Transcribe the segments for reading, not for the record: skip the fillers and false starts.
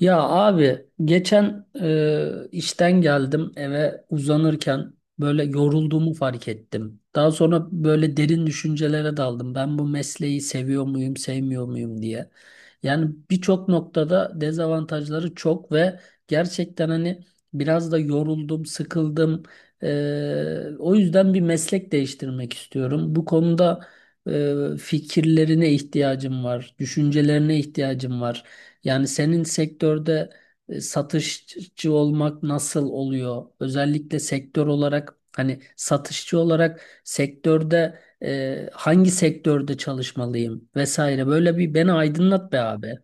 Ya abi geçen işten geldim eve uzanırken böyle yorulduğumu fark ettim. Daha sonra böyle derin düşüncelere daldım. Ben bu mesleği seviyor muyum, sevmiyor muyum diye. Yani birçok noktada dezavantajları çok ve gerçekten hani biraz da yoruldum, sıkıldım. O yüzden bir meslek değiştirmek istiyorum. Bu konuda fikirlerine ihtiyacım var, düşüncelerine ihtiyacım var. Yani senin sektörde satışçı olmak nasıl oluyor? Özellikle sektör olarak hani satışçı olarak sektörde hangi sektörde çalışmalıyım vesaire böyle bir beni aydınlat be abi.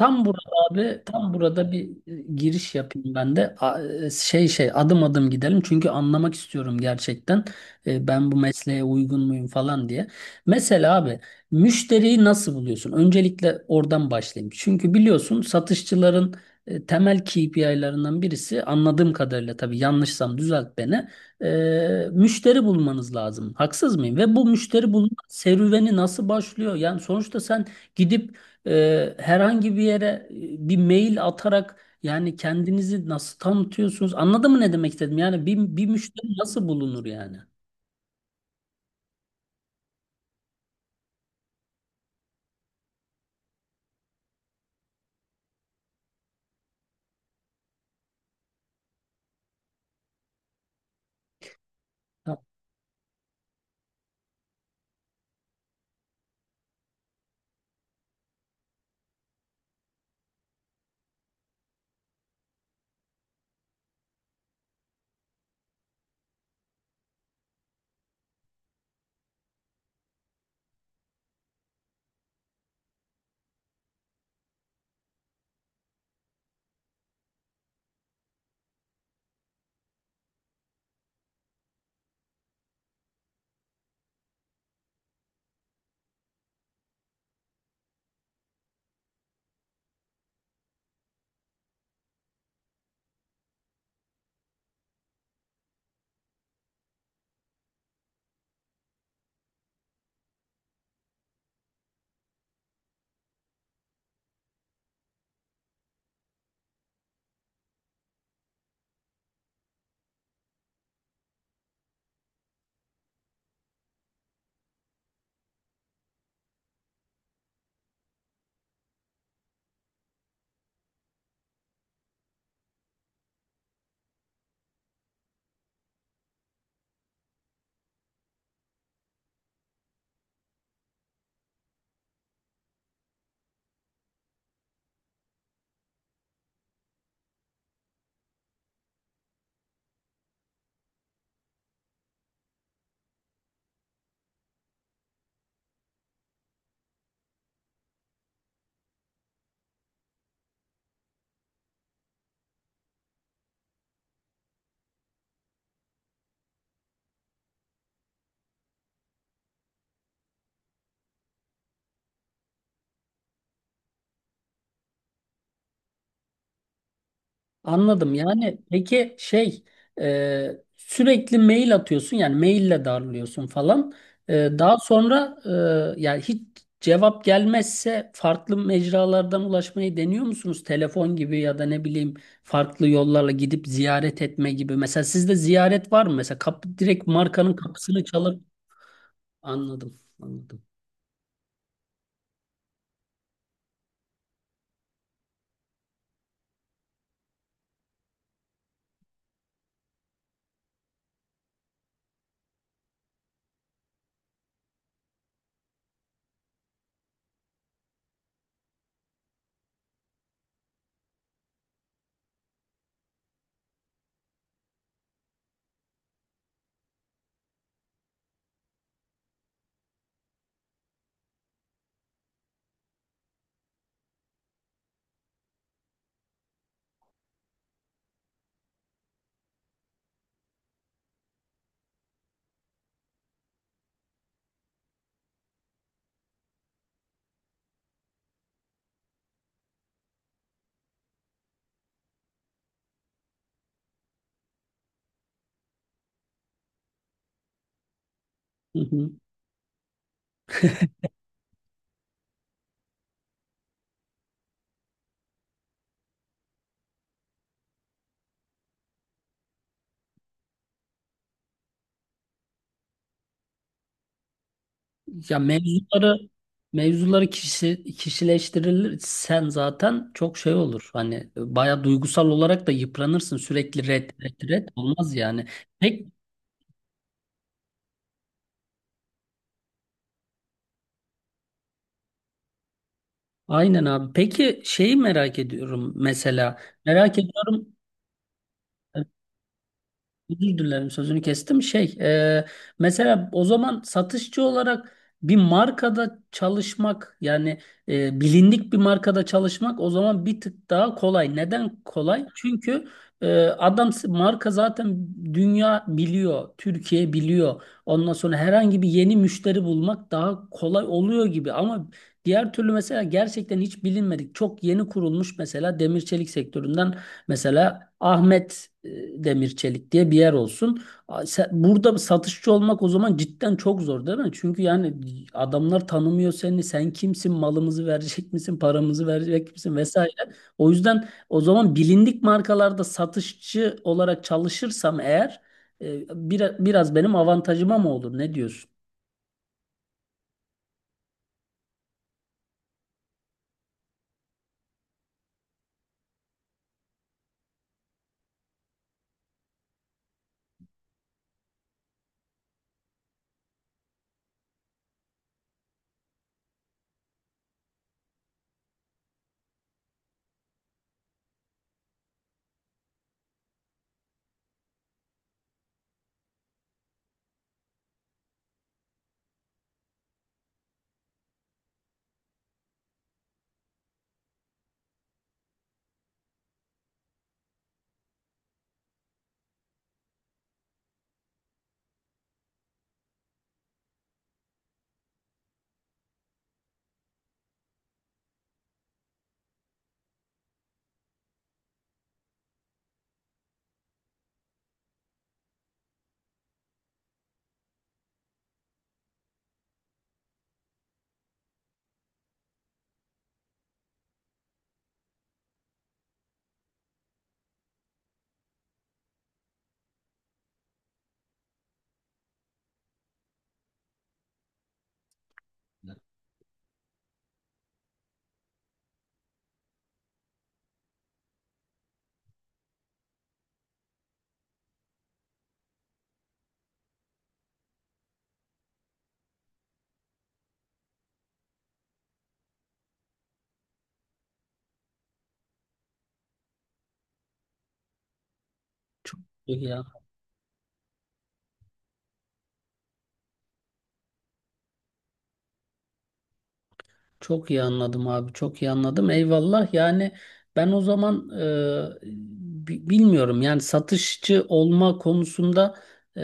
Tam burada abi, tam burada bir giriş yapayım ben de. Adım adım gidelim çünkü anlamak istiyorum gerçekten. Ben bu mesleğe uygun muyum falan diye. Mesela abi müşteriyi nasıl buluyorsun? Öncelikle oradan başlayayım. Çünkü biliyorsun satışçıların temel KPI'lerinden birisi anladığım kadarıyla, tabii yanlışsam düzelt beni. Müşteri bulmanız lazım. Haksız mıyım? Ve bu müşteri bulma serüveni nasıl başlıyor? Yani sonuçta sen gidip herhangi bir yere bir mail atarak yani kendinizi nasıl tanıtıyorsunuz? Anladın mı ne demek istedim? Yani bir müşteri nasıl bulunur yani? Anladım. Yani peki sürekli mail atıyorsun yani maille darlıyorsun falan. E, Daha sonra yani hiç cevap gelmezse farklı mecralardan ulaşmayı deniyor musunuz? Telefon gibi ya da ne bileyim farklı yollarla gidip ziyaret etme gibi. Mesela sizde ziyaret var mı? Mesela kapı direkt markanın kapısını çalıp anladım. Anladım. Ya mevzuları kişileştirirsen zaten çok şey olur. Hani baya duygusal olarak da yıpranırsın, sürekli red red red olmaz yani. Pek aynen abi. Peki şeyi merak ediyorum mesela. Merak ediyorum. Özür dilerim sözünü kestim. Mesela o zaman satışçı olarak bir markada çalışmak yani bilindik bir markada çalışmak o zaman bir tık daha kolay. Neden kolay? Çünkü adam marka zaten dünya biliyor, Türkiye biliyor. Ondan sonra herhangi bir yeni müşteri bulmak daha kolay oluyor gibi. Ama diğer türlü mesela gerçekten hiç bilinmedik, çok yeni kurulmuş mesela demir çelik sektöründen, mesela Ahmet Demir diye bir yer olsun. Burada satışçı olmak o zaman cidden çok zor değil mi? Çünkü yani adamlar tanımıyor seni. Sen kimsin? Malımızı verecek misin? Paramızı verecek misin? Vesaire. O yüzden o zaman bilindik markalarda satışçı olarak çalışırsam eğer biraz benim avantajıma mı olur? Ne diyorsun? Çok iyi yani. Çok iyi anladım abi, çok iyi anladım. Eyvallah. Yani ben o zaman bilmiyorum. Yani satışçı olma konusunda e,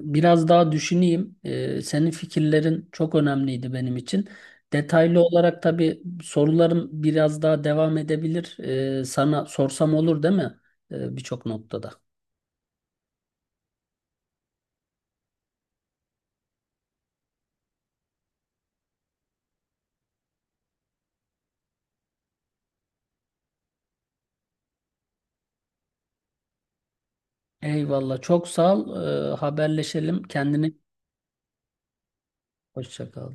biraz daha düşüneyim. Senin fikirlerin çok önemliydi benim için. Detaylı olarak tabii sorularım biraz daha devam edebilir. Sana sorsam olur değil mi? Birçok noktada. Eyvallah. Çok sağ ol. Haberleşelim. Kendine hoşça kal.